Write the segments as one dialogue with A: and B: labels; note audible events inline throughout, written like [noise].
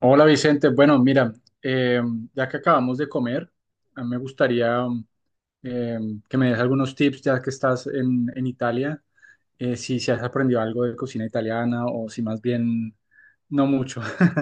A: Hola Vicente, bueno, mira, eh, ya que acabamos de comer, a mí me gustaría eh, que me des algunos tips ya que estás en Italia, si has aprendido algo de cocina italiana o si más bien no mucho. [laughs]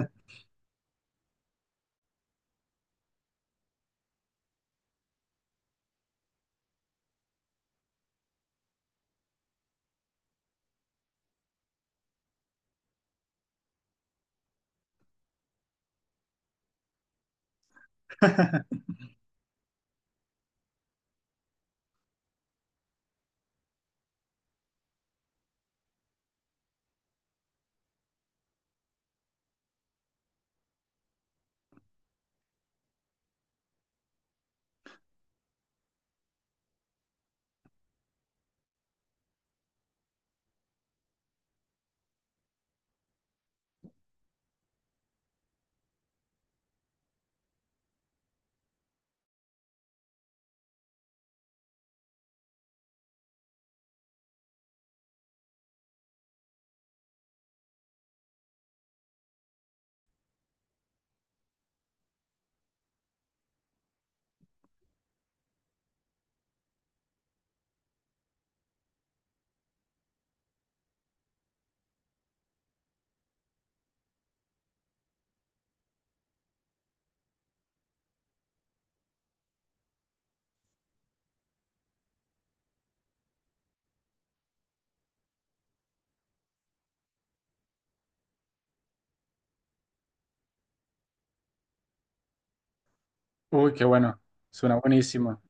A: Uy, qué bueno, suena buenísimo.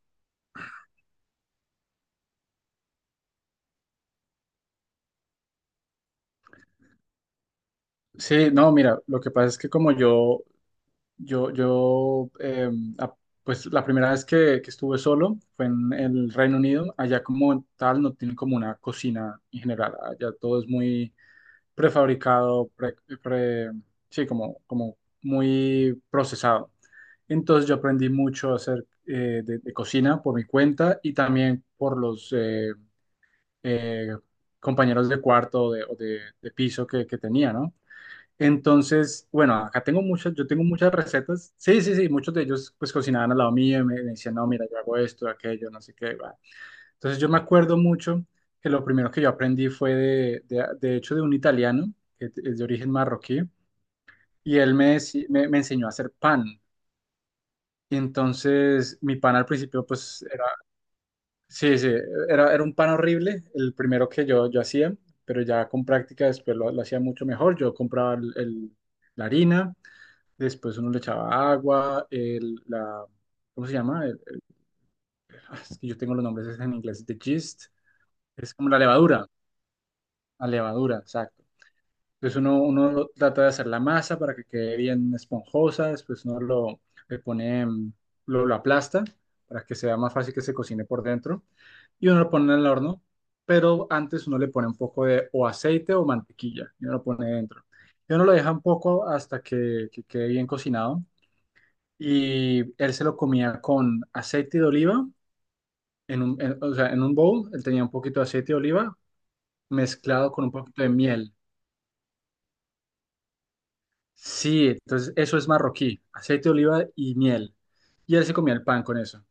A: Sí, no, mira, lo que pasa es que como yo Yo, yo a- pues la primera vez que estuve solo fue en el Reino Unido. Allá como tal no tienen como una cocina en general. Allá todo es muy prefabricado, pre- pre- sí, como muy procesado. Entonces yo aprendí mucho a hacer de cocina por mi cuenta y también por los eh, compañeros de cuarto o de piso que tenía, ¿no? Entonces, bueno, acá tengo muchas, yo tengo muchas recetas. Sí, sí, sí, muchos de ellos pues cocinaban al lado mío y me decían, "No, mira, yo hago esto, aquello, no sé qué va". Entonces yo me acuerdo mucho que lo primero que yo aprendí fue de hecho de un italiano, que es de origen marroquí, y él me enseñó a hacer pan. Y entonces mi pan al principio pues era, sí, sí, era un pan horrible, el primero que yo hacía, pero ya con práctica después lo hacía mucho mejor. Yo compraba la harina. Después uno le echaba agua, ¿cómo se llama? El… [laughs] Es que yo tengo los nombres en inglés, the gist, es como la levadura, exacto. Entonces uno trata de hacer la masa para que quede bien esponjosa, después uno lo, le pone, mm, lo aplasta para que sea más fácil que se cocine por dentro y uno lo pone en el horno, pero antes uno le pone un poco de o aceite o mantequilla y uno lo pone dentro. Y uno lo deja un poco hasta que quede bien cocinado y él se lo comía con aceite de oliva, o sea, en un bowl, él tenía un poquito de aceite de oliva mezclado con un poquito de miel. Sí, entonces eso es marroquí, aceite de oliva y miel. Y él se comía el pan con eso.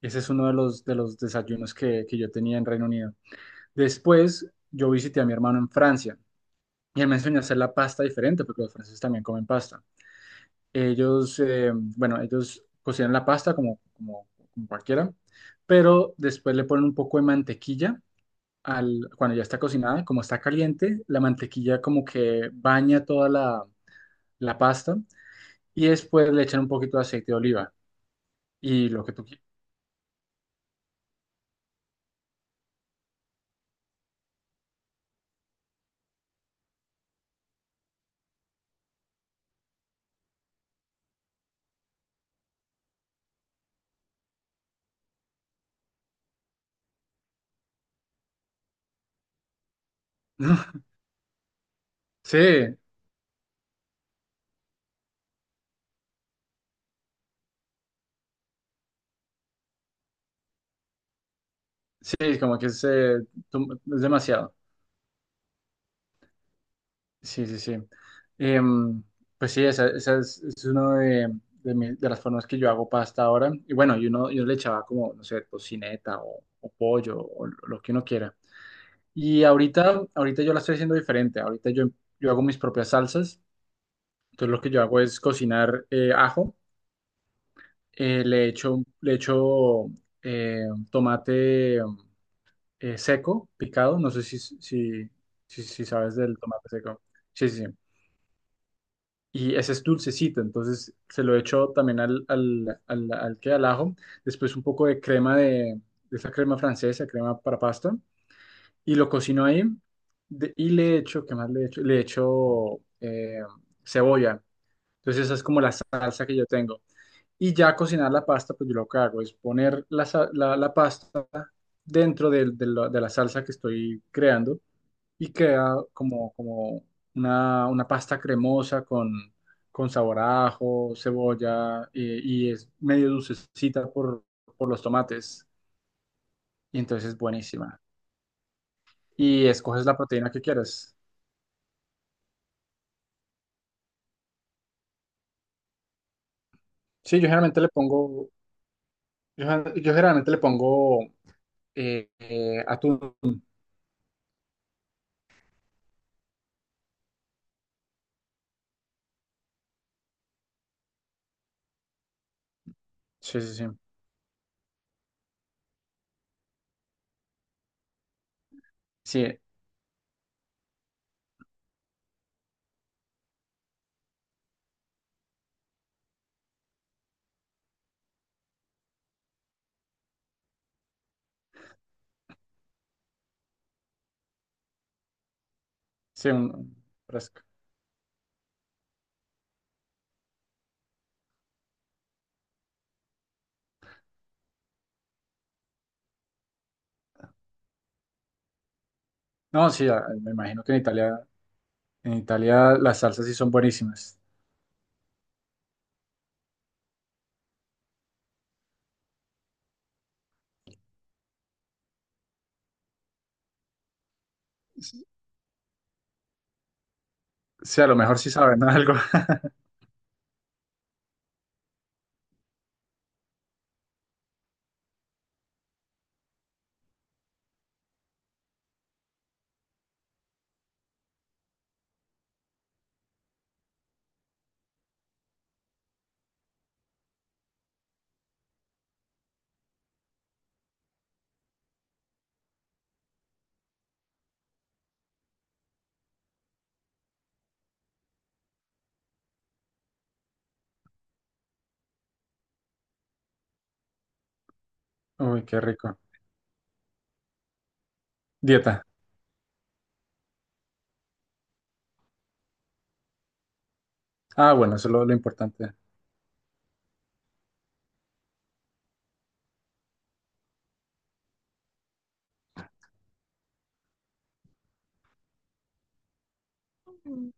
A: Ese es uno de los desayunos que yo tenía en Reino Unido. Después yo visité a mi hermano en Francia y él me enseñó a hacer la pasta diferente porque los franceses también comen pasta. Ellos, bueno, ellos cocinan la pasta como cualquiera, pero después le ponen un poco de mantequilla al, cuando ya está cocinada, como está caliente, la mantequilla como que baña toda la pasta y después le echan un poquito de aceite de oliva y lo que tú quieras. [laughs] Sí, sí, como que es, es demasiado. Sí, sí, sí. Em, pues sí, es una de de las formas que yo hago pasta ahora. Y bueno, yo, no, yo le echaba como, no sé, tocineta o pollo o lo que uno quiera. Y ahorita, ahorita yo la estoy haciendo diferente. Ahorita yo hago mis propias salsas. Entonces lo que yo hago es cocinar ajo. Le echo tomate seco, picado. No sé si sabes del tomate seco. Sí, sí, sí. Y ese es dulcecito, entonces se lo echo también al ajo, después un poco de crema de esa crema francesa, crema para pasta, y lo cocino ahí, y le echo, ¿qué más le echo? Le echo cebolla, entonces esa es como la salsa que yo tengo. Y ya cocinar la pasta, pues yo lo que hago es poner la pasta dentro de la salsa que estoy creando y queda como una pasta cremosa con sabor a ajo, cebolla y es medio dulcecita por los tomates y entonces es buenísima. Y escoges la proteína que quieras. Sí, yo generalmente le pongo, yo generalmente le pongo atún. Sí, sí, sí. Sí, sí, un fresco. No, sí, me imagino que en Italia las salsas sí son buenísimas. Sí, a lo mejor sí saben algo. [laughs] Uy, qué rico. Dieta. Ah, bueno, eso es lo importante. Mm.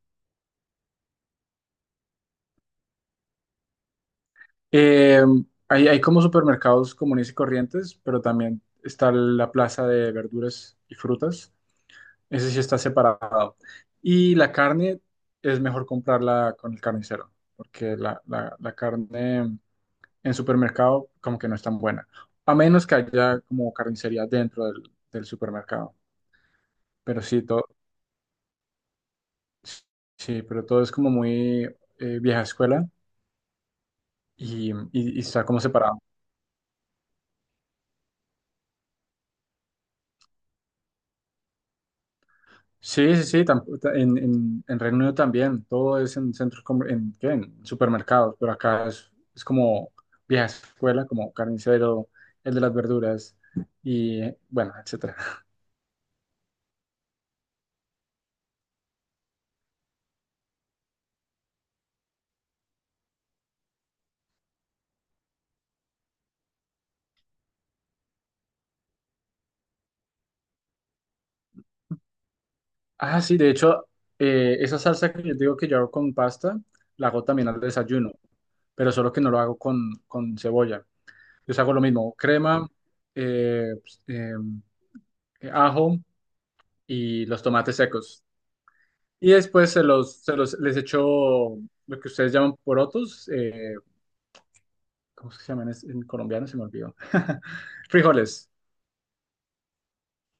A: Eh, hay, hay como supermercados comunes y corrientes, pero también está la plaza de verduras y frutas. Ese sí está separado. Y la carne es mejor comprarla con el carnicero, porque la carne en supermercado como que no es tan buena, a menos que haya como carnicería dentro del supermercado. Pero sí, todo, sí, pero todo es como muy vieja escuela y, y está como separado. Sí, sí, sí, en Reino Unido también, todo es en centros, ¿qué?, en supermercados, pero acá es como vieja escuela, como carnicero, el de las verduras y bueno, etcétera. Ah, sí, de hecho, esa salsa que yo digo que yo hago con pasta, la hago también al desayuno, pero solo que no lo hago con cebolla. Yo hago lo mismo, crema, eh, pues, eh, ajo y los tomates secos. Y después les echó lo que ustedes llaman porotos, ¿cómo se llaman? En colombiano se me olvidó. [laughs] Frijoles,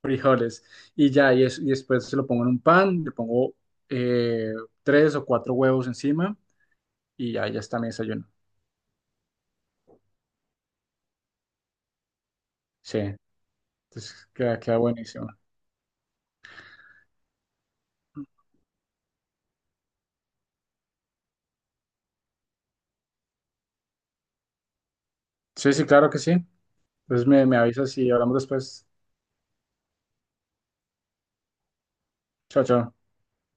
A: frijoles. Y ya, y después se lo pongo en un pan, le pongo eh, tres o cuatro huevos encima y ya, ya está mi desayuno. Sí, entonces queda, queda buenísimo. Sí, sí, claro que sí. Entonces me avisas y hablamos después. Chao, chao.